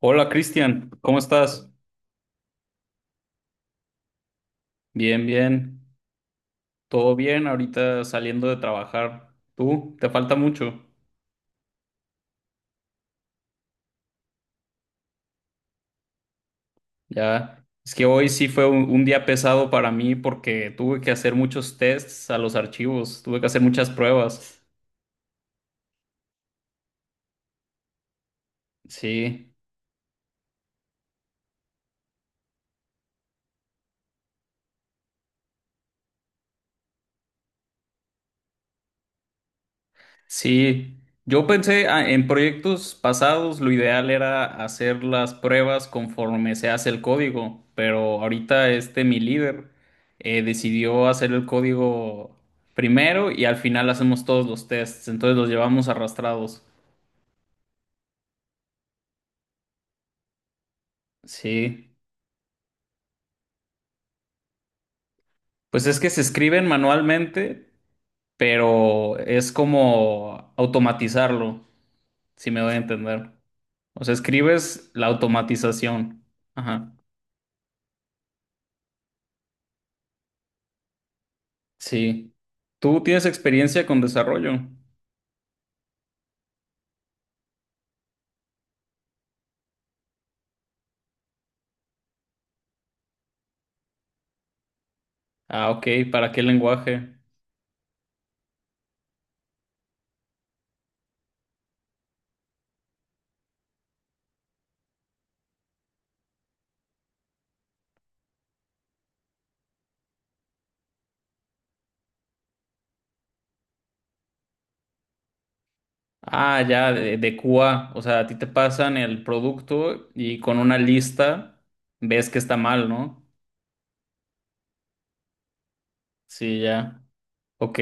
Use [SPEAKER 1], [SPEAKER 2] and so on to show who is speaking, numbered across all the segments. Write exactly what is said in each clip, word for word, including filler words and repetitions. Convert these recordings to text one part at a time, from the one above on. [SPEAKER 1] Hola Cristian, ¿cómo estás? Bien, bien, todo bien, ahorita saliendo de trabajar. ¿Tú? ¿Te falta mucho? Ya, es que hoy sí fue un, un día pesado para mí porque tuve que hacer muchos tests a los archivos, tuve que hacer muchas pruebas. Sí. Sí, yo pensé ah, en proyectos pasados, lo ideal era hacer las pruebas conforme se hace el código, pero ahorita este mi líder eh, decidió hacer el código primero y al final hacemos todos los tests, entonces los llevamos arrastrados. Sí, pues es que se escriben manualmente, pero es como automatizarlo, si me doy a entender. O sea, escribes la automatización. Ajá. Sí. ¿Tú tienes experiencia con desarrollo? Ah, ok. ¿Para qué lenguaje? Ah, ya, de, de Q A. O sea, a ti te pasan el producto y con una lista ves que está mal, ¿no? Sí, ya. Ok.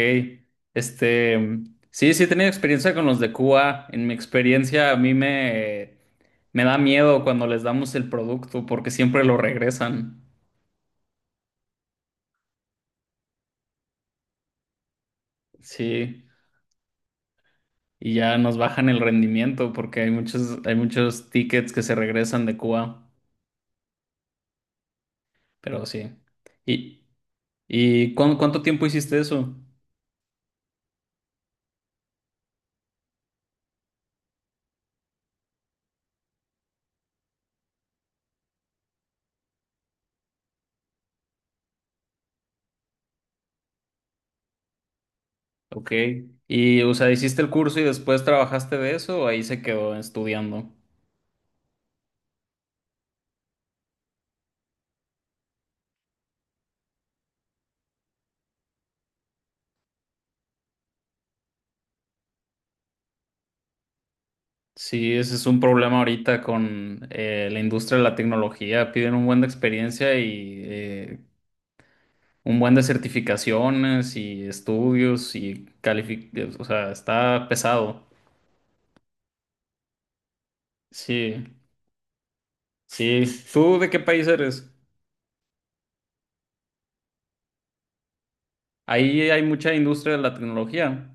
[SPEAKER 1] Este, sí, sí he tenido experiencia con los de Q A. En mi experiencia, a mí me, me da miedo cuando les damos el producto porque siempre lo regresan. Sí, y ya nos bajan el rendimiento porque hay muchos, hay muchos tickets que se regresan de Cuba, pero sí. ¿Y, y cuán- cuánto tiempo hiciste eso? Ok. Y, o sea, ¿hiciste el curso y después trabajaste de eso o ahí se quedó estudiando? Sí, ese es un problema ahorita con eh, la industria de la tecnología. Piden un buen de experiencia y eh, un buen de certificaciones y estudios y calific... O sea, está pesado. Sí, sí. ¿Tú de qué país eres? Ahí hay mucha industria de la tecnología.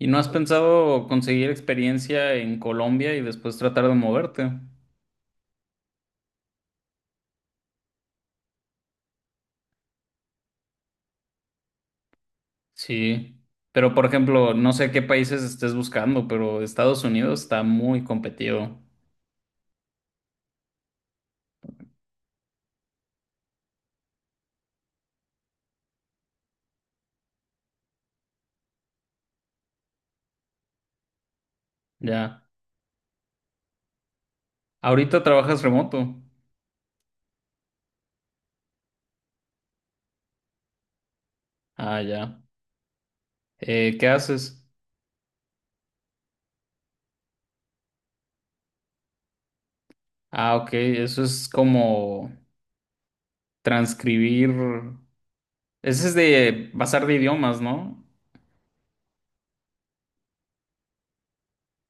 [SPEAKER 1] ¿Y no has pensado conseguir experiencia en Colombia y después tratar de moverte? Sí. Pero, por ejemplo, no sé qué países estés buscando, pero Estados Unidos está muy competido. Ya. Ahorita trabajas remoto. Ah, ya. Eh, ¿qué haces? Ah, ok. Eso es como transcribir. Ese es de pasar de idiomas, ¿no?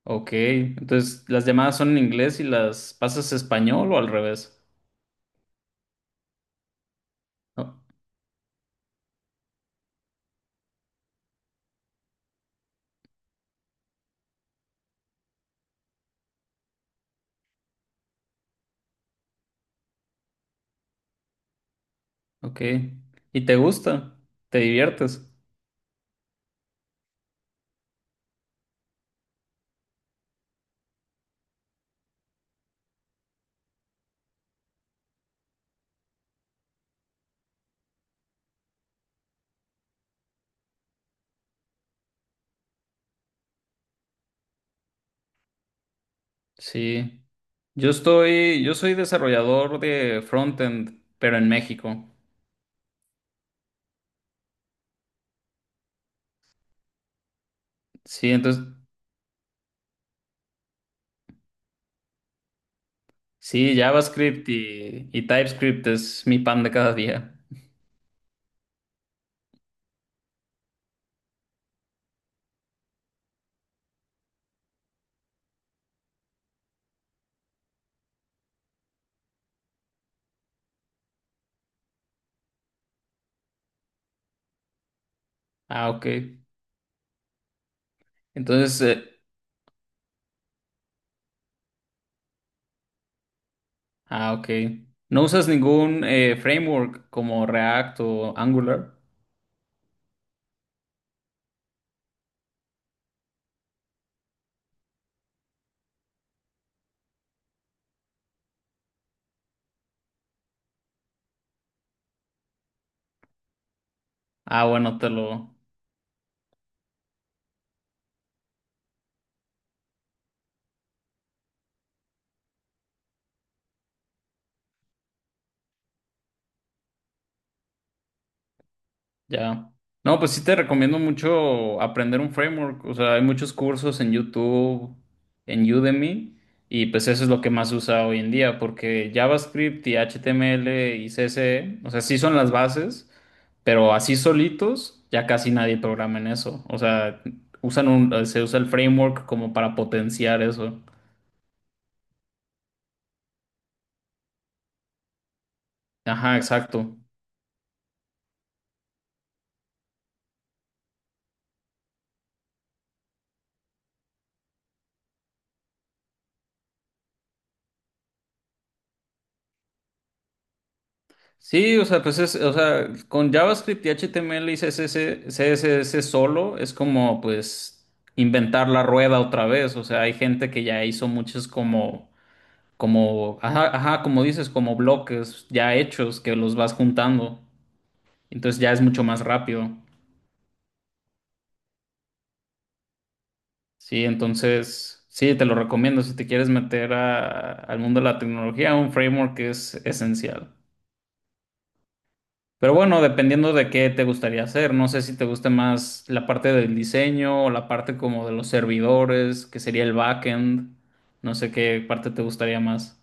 [SPEAKER 1] Ok. Entonces, ¿las llamadas son en inglés y las pasas a español o al revés? Oh, ok. ¿Y te gusta? ¿Te diviertes? Sí. Yo estoy, yo soy desarrollador de frontend, pero en México. Sí, entonces, sí, JavaScript y, y TypeScript es mi pan de cada día. Ah, ok. Entonces, eh, ah, ok. ¿No usas ningún eh, framework como React o Angular? Ah, bueno, te lo, ya. No, pues sí te recomiendo mucho aprender un framework. O sea, hay muchos cursos en YouTube, en Udemy, y pues eso es lo que más se usa hoy en día, porque JavaScript y H T M L y C S S, o sea, sí son las bases, pero así solitos ya casi nadie programa en eso. O sea, usan un, se usa el framework como para potenciar eso. Ajá, exacto. Sí, o sea, pues es, o sea, con JavaScript y H T M L y C S S, C S S solo es como pues inventar la rueda otra vez. O sea, hay gente que ya hizo muchos como, como, ajá, ajá, como dices, como bloques ya hechos que los vas juntando. Entonces ya es mucho más rápido. Sí, entonces, sí, te lo recomiendo si te quieres meter a- al mundo de la tecnología, un framework es esencial. Pero bueno, dependiendo de qué te gustaría hacer, no sé si te gusta más la parte del diseño o la parte como de los servidores, que sería el backend, no sé qué parte te gustaría más.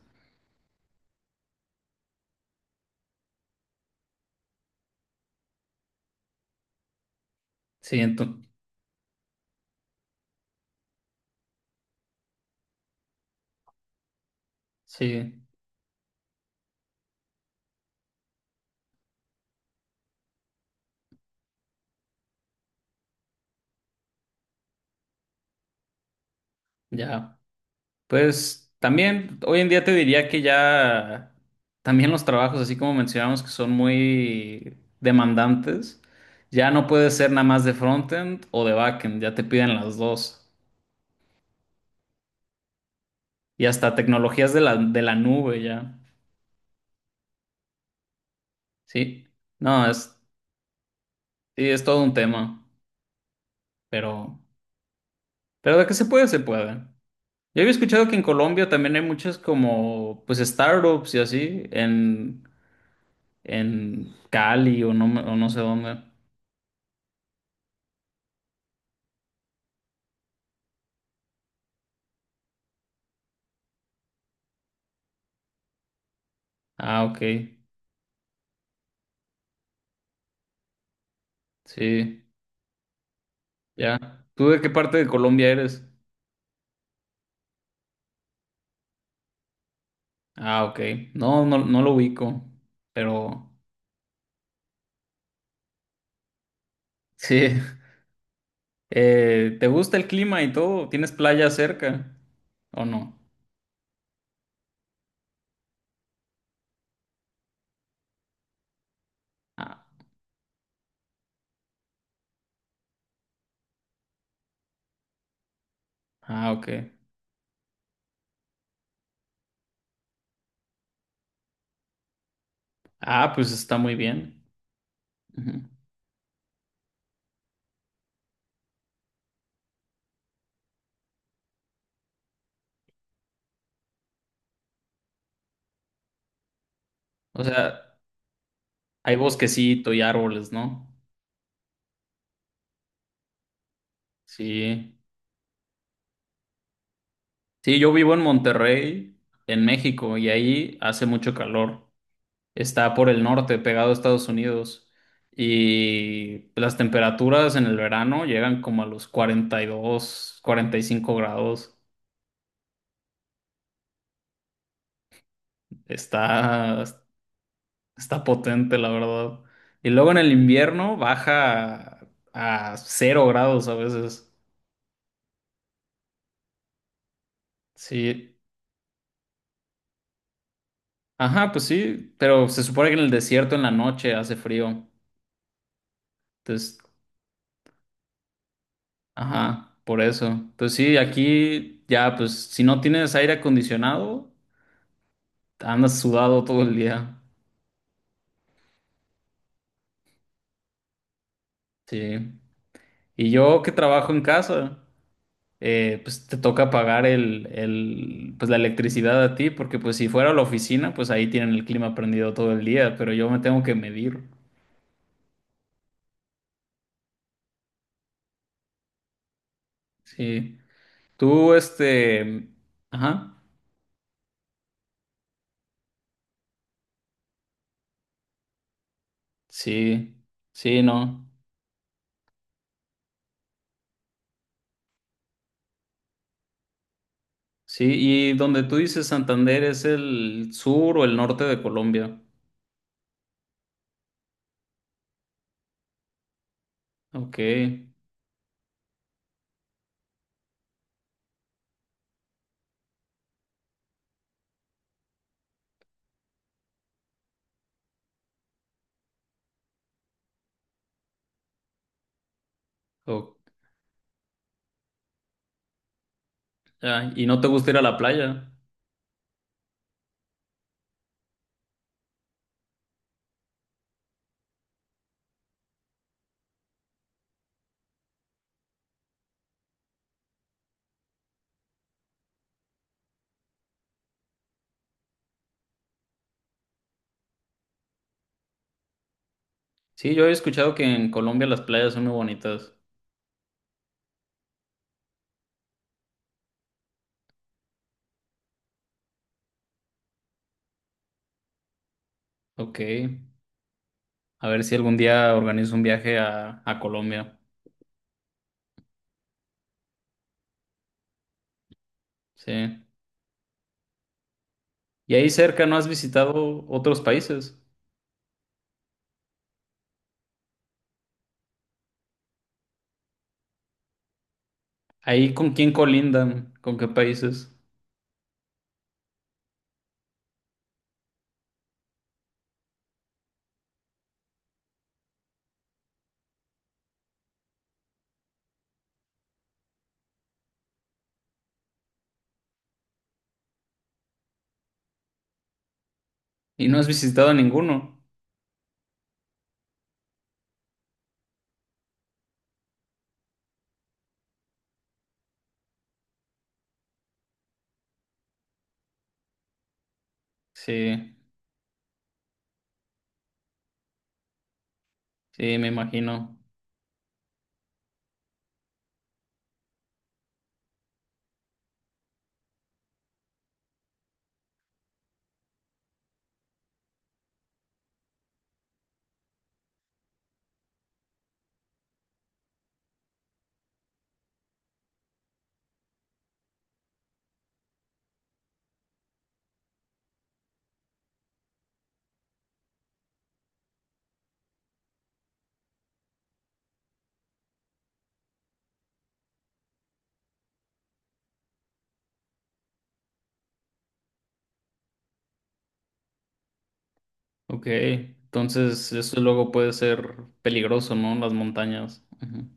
[SPEAKER 1] Sí, ento- sí, ya. Pues también hoy en día te diría que ya también los trabajos, así como mencionamos, que son muy demandantes, ya no puede ser nada más de frontend o de backend, ya te piden las dos. Y hasta tecnologías de la, de la nube, ya. Sí. No, es, sí, es todo un tema, pero, pero de que se puede, se puede. Yo había escuchado que en Colombia también hay muchas como, pues, startups y así, en, en Cali o no, me- o no sé dónde. Ah, ok, sí, ya. ¿Tú de qué parte de Colombia eres? Ah, ok, no, no, no lo ubico, pero sí. Eh, ¿te gusta el clima y todo? ¿Tienes playa cerca o no? Ah, ah, ok. Ah, pues está muy bien. Ujú. O sea, hay bosquecito y árboles, ¿no? Sí. Sí, yo vivo en Monterrey, en México, y ahí hace mucho calor. Está por el norte, pegado a Estados Unidos. Y las temperaturas en el verano llegan como a los cuarenta cuarenta y dos, cuarenta y cinco grados. Está, está potente, la verdad. Y luego en el invierno baja a, a cero grados a veces. Sí. Ajá, pues sí, pero se supone que en el desierto en la noche hace frío. Entonces, ajá, por eso. Pues sí, aquí ya, pues si no tienes aire acondicionado, andas sudado todo el día. Sí. Y yo que trabajo en casa, eh, pues te toca pagar el, el, pues la electricidad a ti, porque pues si fuera a la oficina, pues ahí tienen el clima prendido todo el día, pero yo me tengo que medir. Sí. Tú, este, ajá, sí, sí, no. Sí, y donde tú dices Santander es el sur o el norte de Colombia. Ok. O- ah, ¿y no te gusta ir a la playa? Sí, yo he escuchado que en Colombia las playas son muy bonitas. Ok. A ver si algún día organizo un viaje a, a Colombia. Sí. ¿Y ahí cerca no has visitado otros países? ¿Ahí con quién colindan? ¿Con qué países? ¿Y no has visitado ninguno? Sí, sí, me imagino. Ok. Entonces, eso luego puede ser peligroso, ¿no? Las montañas. Ujú.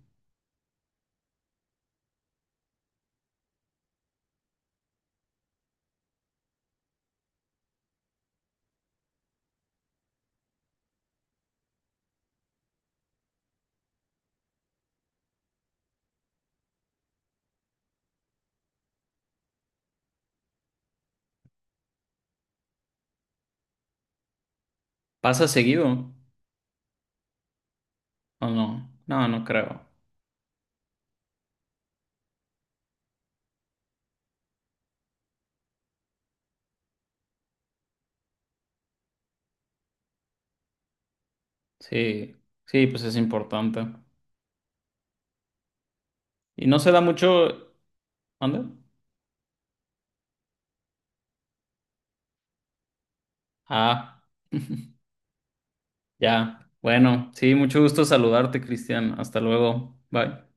[SPEAKER 1] ¿Pasa seguido? ¿O no? No, no creo. Sí, sí, pues es importante. Y no se da mucho. ¿Anda? Ah, ya. Bueno, sí, mucho gusto saludarte, Cristian. Hasta luego. Bye.